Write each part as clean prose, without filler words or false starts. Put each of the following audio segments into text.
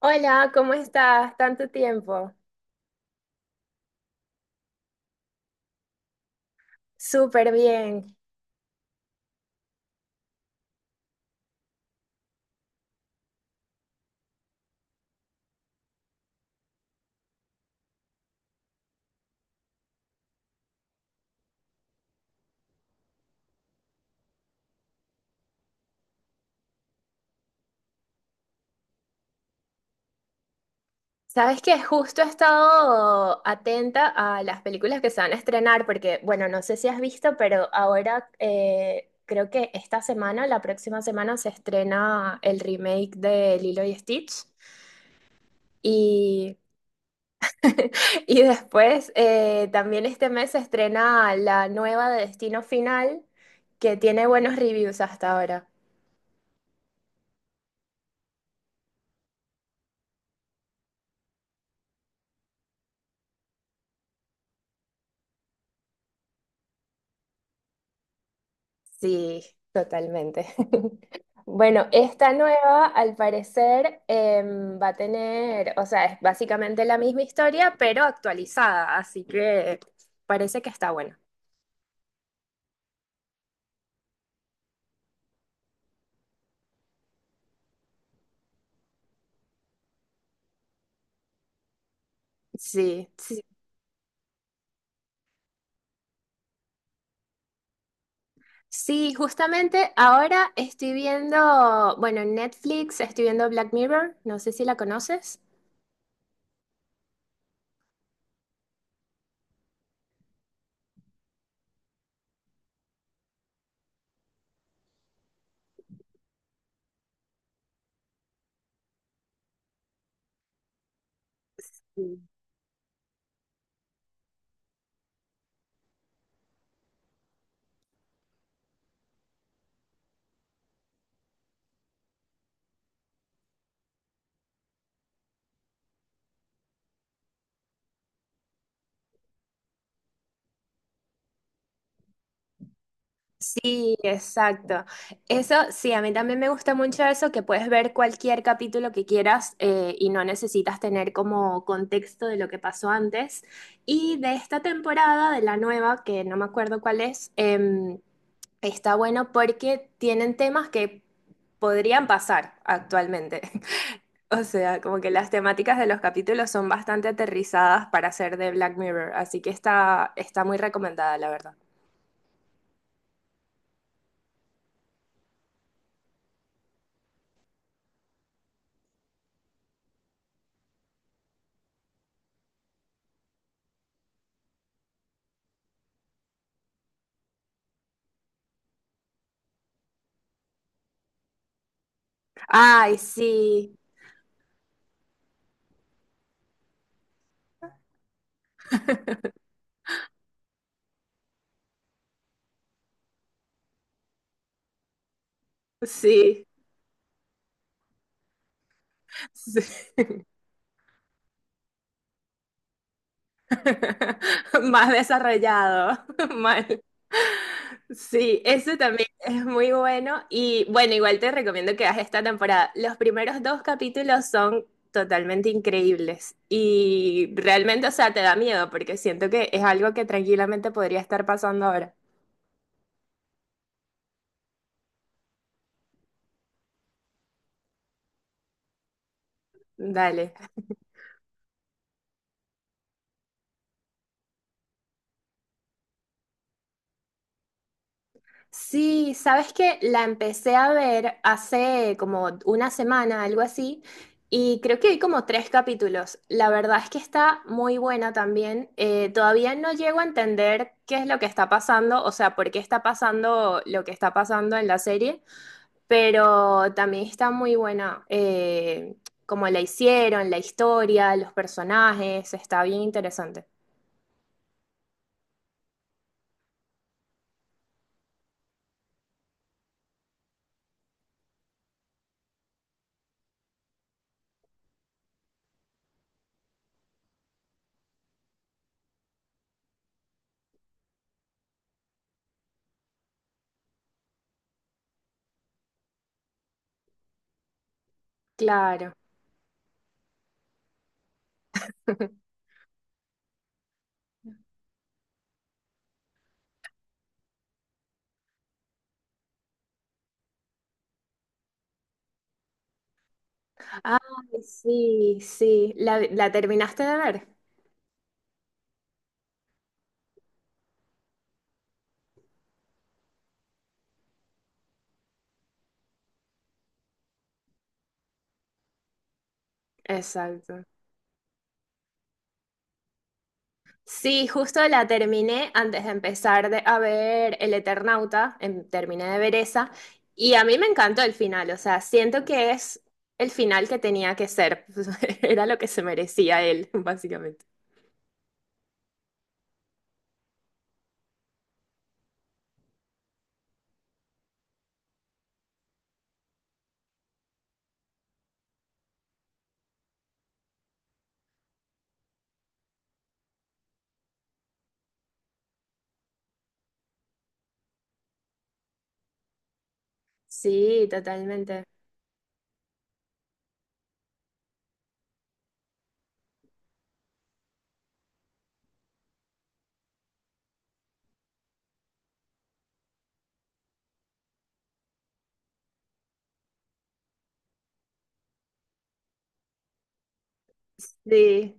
Hola, ¿cómo estás? Tanto tiempo. Súper bien. Sabes que justo he estado atenta a las películas que se van a estrenar, porque, bueno, no sé si has visto, pero ahora creo que esta semana, la próxima semana, se estrena el remake de Lilo y Stitch. Y, y después también este mes se estrena la nueva de Destino Final, que tiene buenos reviews hasta ahora. Sí, totalmente. Bueno, esta nueva, al parecer, va a tener, o sea, es básicamente la misma historia, pero actualizada, así que parece que está buena. Sí, sí. Sí, justamente ahora estoy viendo, bueno, en Netflix estoy viendo Black Mirror, no sé si la conoces. Sí, exacto. Eso, sí, a mí también me gusta mucho eso, que puedes ver cualquier capítulo que quieras y no necesitas tener como contexto de lo que pasó antes. Y de esta temporada, de la nueva, que no me acuerdo cuál es, está bueno porque tienen temas que podrían pasar actualmente. O sea, como que las temáticas de los capítulos son bastante aterrizadas para ser de Black Mirror, así que está muy recomendada, la verdad. Ay, sí. Sí, sí. Más desarrollado, mal. Sí, ese también es muy bueno y bueno, igual te recomiendo que hagas esta temporada. Los primeros dos capítulos son totalmente increíbles y realmente, o sea, te da miedo porque siento que es algo que tranquilamente podría estar pasando ahora. Dale. Sí, sabes que la empecé a ver hace como una semana, algo así, y creo que hay como tres capítulos. La verdad es que está muy buena también. Todavía no llego a entender qué es lo que está pasando, o sea, por qué está pasando lo que está pasando en la serie, pero también está muy buena. Como la hicieron, la historia, los personajes, está bien interesante. Claro. Ay, sí, sí. La terminaste de ver? Exacto. Sí, justo la terminé antes de a ver El Eternauta, terminé de ver esa, y a mí me encantó el final, o sea, siento que es el final que tenía que ser, era lo que se merecía él, básicamente. Sí, totalmente. Sí.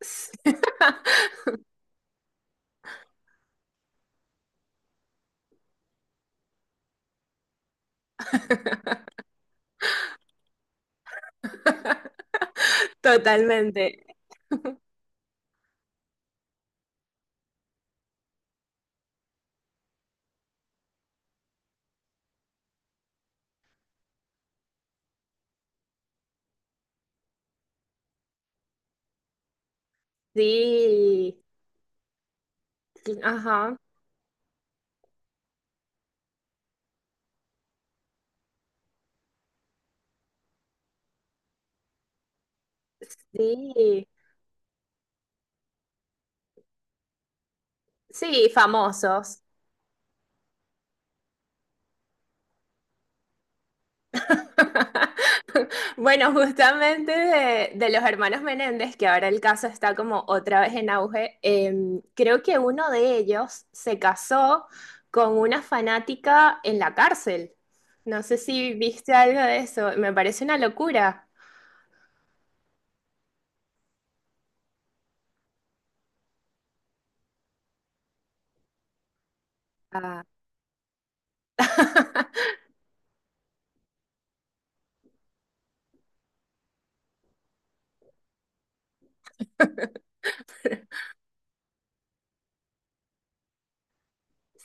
Totalmente. Sí. Ajá. Sí. Sí, famosos. Bueno, justamente de los hermanos Menéndez, que ahora el caso está como otra vez en auge, creo que uno de ellos se casó con una fanática en la cárcel. No sé si viste algo de eso, me parece una locura. Ah,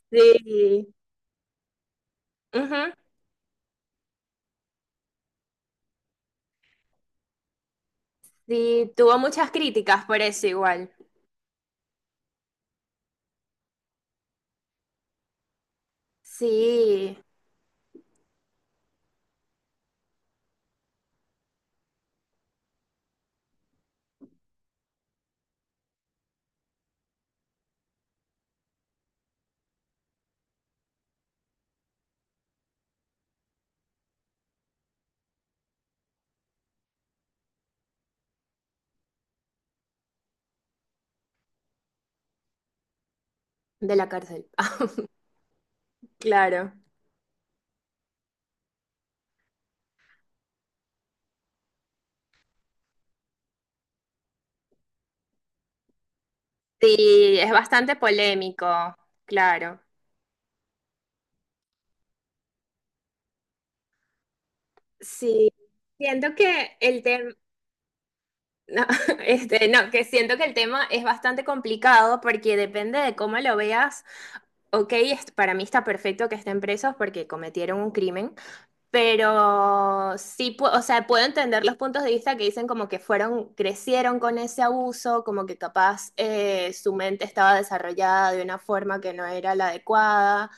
sí, ujú, sí, tuvo muchas críticas por eso igual. Sí, de la cárcel. Claro. Sí, es bastante polémico, claro. Sí, siento que el tema, no, este, no, que siento que el tema es bastante complicado porque depende de cómo lo veas. Ok, para mí está perfecto que estén presos porque cometieron un crimen, pero sí, o sea, puedo entender los puntos de vista que dicen como que fueron, crecieron con ese abuso, como que capaz su mente estaba desarrollada de una forma que no era la adecuada.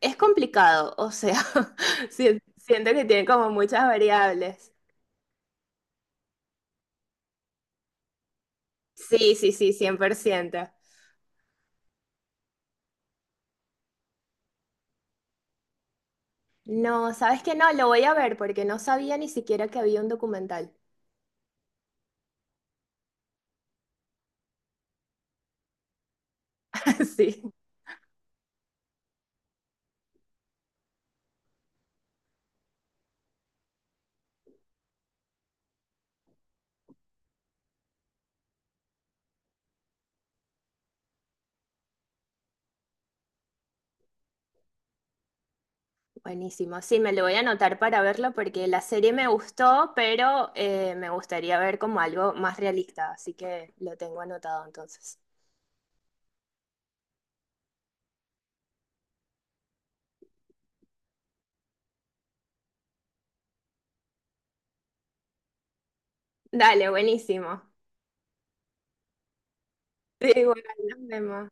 Es complicado, o sea, siento que tiene como muchas variables. Sí, sí, sí, 100%. No, ¿sabes qué? No, lo voy a ver porque no sabía ni siquiera que había un documental. Sí, buenísimo. Sí, me lo voy a anotar para verlo porque la serie me gustó, pero me gustaría ver como algo más realista, así que lo tengo anotado entonces. Dale, buenísimo. Sí, bueno, nos vemos.